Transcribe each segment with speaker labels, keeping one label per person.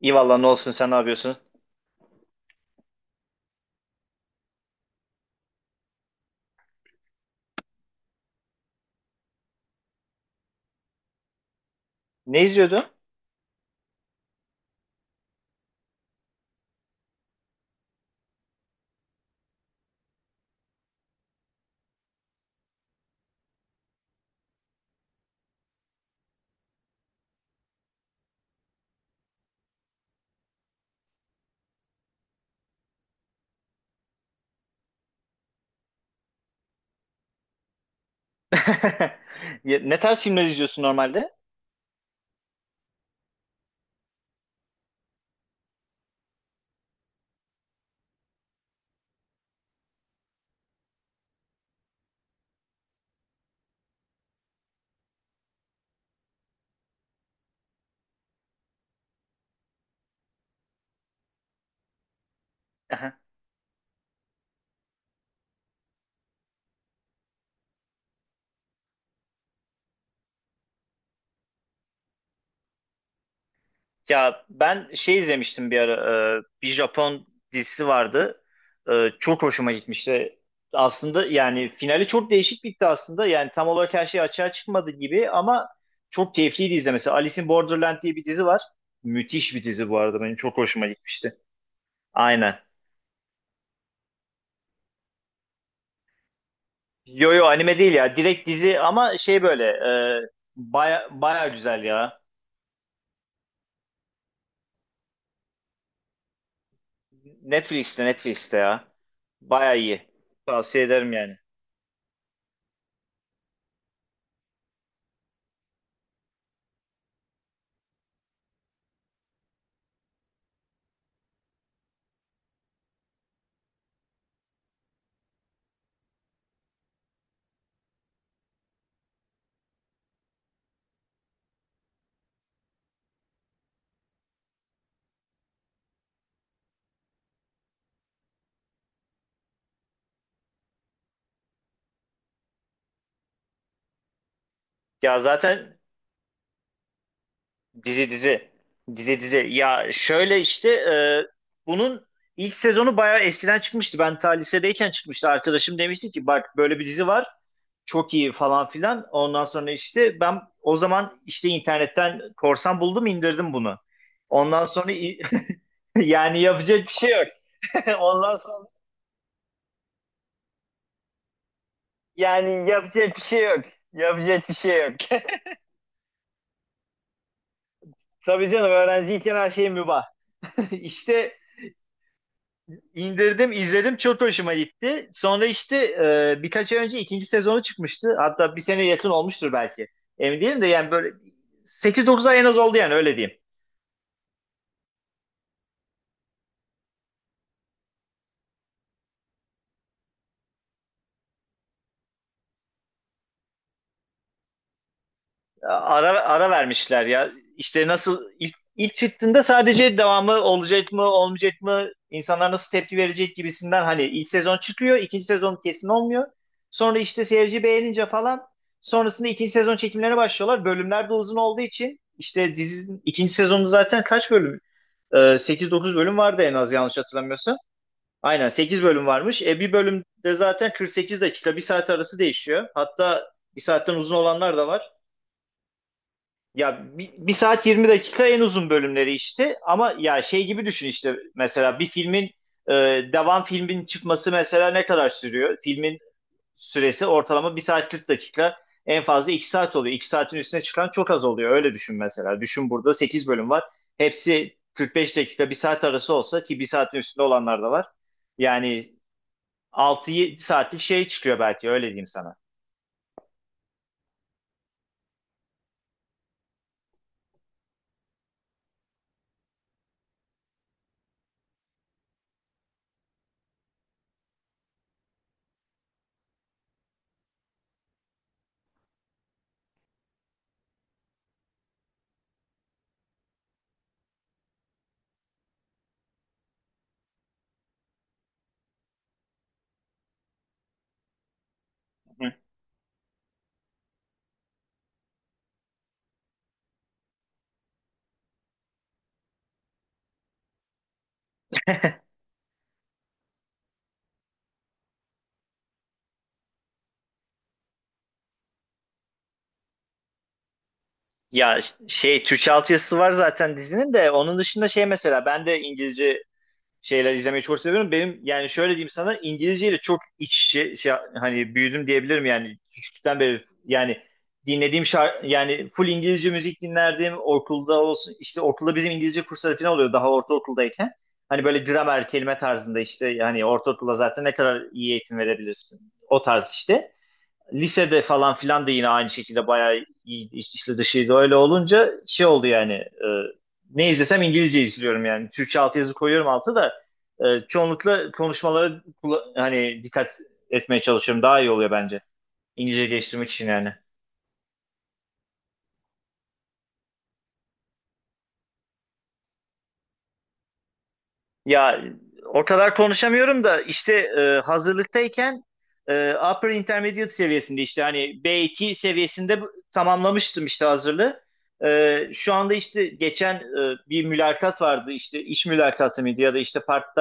Speaker 1: İyi valla ne olsun sen ne yapıyorsun? Ne izliyordun? Ya, ne tarz filmler izliyorsun normalde? Aha. Ya ben şey izlemiştim bir ara. Bir Japon dizisi vardı. E, Çok hoşuma gitmişti. Aslında yani finali çok değişik bitti aslında. Yani tam olarak her şey açığa çıkmadı gibi ama çok keyifliydi izlemesi. Alice in Borderland diye bir dizi var. Müthiş bir dizi bu arada. Benim çok hoşuma gitmişti. Aynen. Yo yo anime değil ya. Direkt dizi ama şey böyle e, baya, baya güzel ya. Netflix'te Netflix'te ya. Baya iyi. Tavsiye ederim yani. Ya zaten dizi dizi. Dizi dizi. Ya şöyle işte bunun ilk sezonu baya eskiden çıkmıştı. Ben ta lisedeyken çıkmıştı. Arkadaşım demişti ki bak böyle bir dizi var. Çok iyi falan filan. Ondan sonra işte ben o zaman işte internetten korsan buldum indirdim bunu. Ondan sonra yani yapacak bir şey yok. Ondan sonra yani yapacak bir şey yok. Yapacak bir şey yok. Tabii canım öğrenciyken her şey mübah. İşte indirdim, izledim çok hoşuma gitti. Sonra işte birkaç ay önce ikinci sezonu çıkmıştı. Hatta bir sene yakın olmuştur belki. Emin değilim de yani böyle sekiz 9 ay en az oldu yani öyle diyeyim. Ara ara vermişler ya. İşte nasıl ilk çıktığında sadece devamı olacak mı olmayacak mı insanlar nasıl tepki verecek gibisinden hani ilk sezon çıkıyor ikinci sezon kesin olmuyor. Sonra işte seyirci beğenince falan sonrasında ikinci sezon çekimlerine başlıyorlar. Bölümler de uzun olduğu için işte dizinin ikinci sezonu zaten kaç bölüm? 8-9 bölüm vardı en az yanlış hatırlamıyorsam. Aynen 8 bölüm varmış. Bir bölümde zaten 48 dakika bir saat arası değişiyor. Hatta bir saatten uzun olanlar da var. Ya bir saat 20 dakika en uzun bölümleri işte ama ya şey gibi düşün işte mesela bir filmin e, devam filmin çıkması mesela ne kadar sürüyor? Filmin süresi ortalama bir saat 40 dakika en fazla 2 saat oluyor. 2 saatin üstüne çıkan çok az oluyor öyle düşün mesela. Düşün burada 8 bölüm var. Hepsi 45 dakika bir saat arası olsa ki bir saatin üstünde olanlar da var. Yani 6 saatlik şey çıkıyor belki öyle diyeyim sana. Ya şey Türkçe altyazısı var zaten dizinin de onun dışında şey mesela ben de İngilizce şeyler izlemeyi çok seviyorum. Benim yani şöyle diyeyim sana İngilizceyle çok iç içe şey, hani büyüdüm diyebilirim yani küçüklükten beri yani dinlediğim şarkı yani full İngilizce müzik dinlerdim okulda olsun işte okulda bizim İngilizce kursları falan oluyor daha ortaokuldayken. Hani böyle gramer kelime tarzında işte hani ortaokulda zaten ne kadar iyi eğitim verebilirsin o tarz işte lisede falan filan da yine aynı şekilde bayağı iyi içli dışıydı. Öyle olunca şey oldu yani ne izlesem İngilizce izliyorum yani. Türkçe altyazı koyuyorum altı da çoğunlukla konuşmalara hani dikkat etmeye çalışıyorum. Daha iyi oluyor bence. İngilizce geliştirmek için yani. Ya o kadar konuşamıyorum da işte hazırlıktayken upper intermediate seviyesinde işte hani B2 seviyesinde tamamlamıştım işte hazırlığı. Şu anda işte geçen bir mülakat vardı işte iş mülakatı mıydı ya da işte part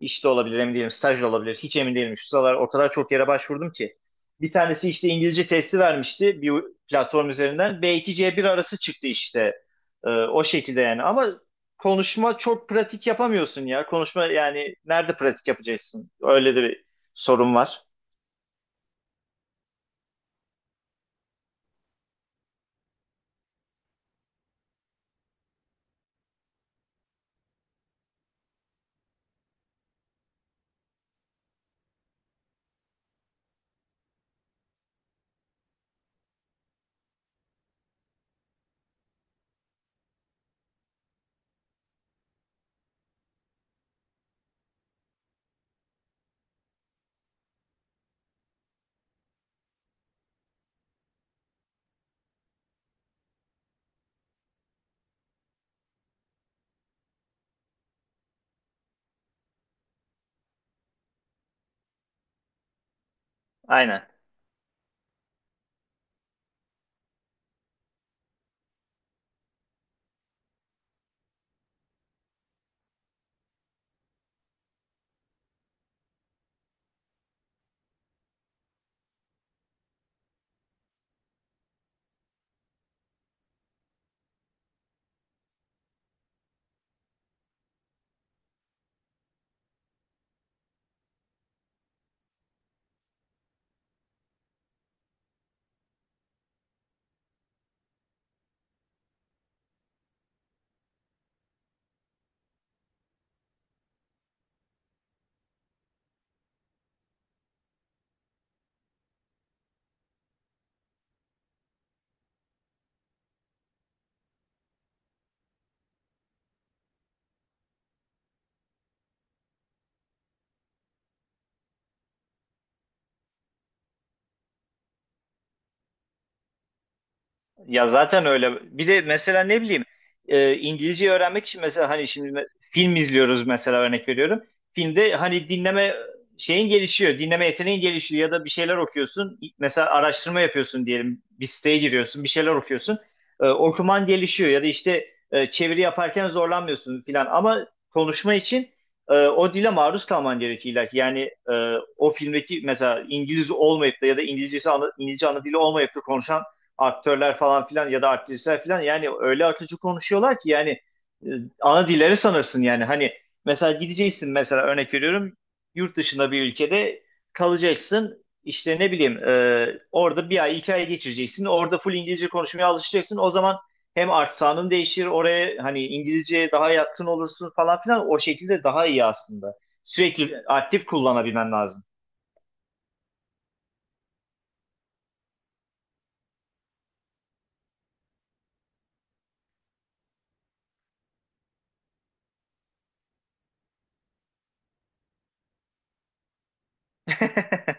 Speaker 1: işte olabilir emin değilim. Staj da olabilir. Hiç emin değilim. Şu sıralar o kadar çok yere başvurdum ki. Bir tanesi işte İngilizce testi vermişti bir platform üzerinden. B2 C1 arası çıktı işte. O şekilde yani. Ama konuşma çok pratik yapamıyorsun ya. Konuşma yani nerede pratik yapacaksın? Öyle de bir sorun var. Aynen. Ya zaten öyle. Bir de mesela ne bileyim İngilizce öğrenmek için mesela hani şimdi film izliyoruz mesela örnek veriyorum. Filmde hani dinleme şeyin gelişiyor, dinleme yeteneğin gelişiyor ya da bir şeyler okuyorsun. Mesela araştırma yapıyorsun diyelim. Bir siteye giriyorsun, bir şeyler okuyorsun. Okuman gelişiyor ya da işte çeviri yaparken zorlanmıyorsun filan. Ama konuşma için o dile maruz kalman gerekiyor illa ki. Yani e, o filmdeki mesela İngiliz olmayıp da ya da İngilizcesi İngilizce ana dili olmayıp da konuşan aktörler falan filan ya da aktrisler filan yani öyle akıcı konuşuyorlar ki yani e, ana dilleri sanırsın yani hani mesela gideceksin mesela örnek veriyorum yurt dışında bir ülkede kalacaksın işte ne bileyim orada bir ay iki ay geçireceksin orada full İngilizce konuşmaya alışacaksın o zaman hem aksanın değişir oraya hani İngilizceye daha yatkın olursun falan filan o şekilde daha iyi aslında sürekli aktif kullanabilmen lazım.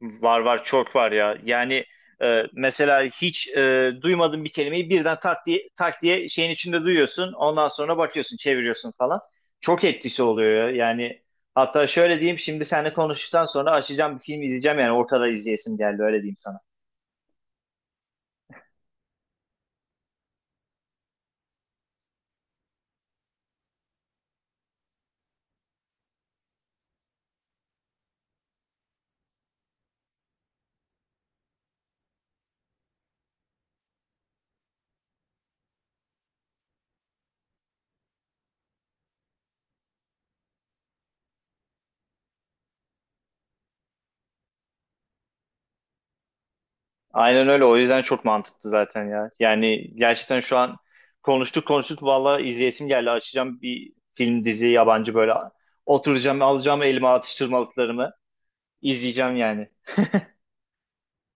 Speaker 1: Var var çok var ya. Yani mesela hiç duymadığın bir kelimeyi birden tak diye, tak diye şeyin içinde duyuyorsun. Ondan sonra bakıyorsun, çeviriyorsun falan. Çok etkisi oluyor ya. Yani hatta şöyle diyeyim şimdi seninle konuştuktan sonra açacağım bir film izleyeceğim yani ortada izleyesim geldi öyle diyeyim sana. Aynen öyle o yüzden çok mantıklı zaten ya. Yani gerçekten şu an konuştuk konuştuk valla izleyesim geldi. Açacağım bir film dizi yabancı böyle oturacağım alacağım elime atıştırmalıklarımı izleyeceğim yani.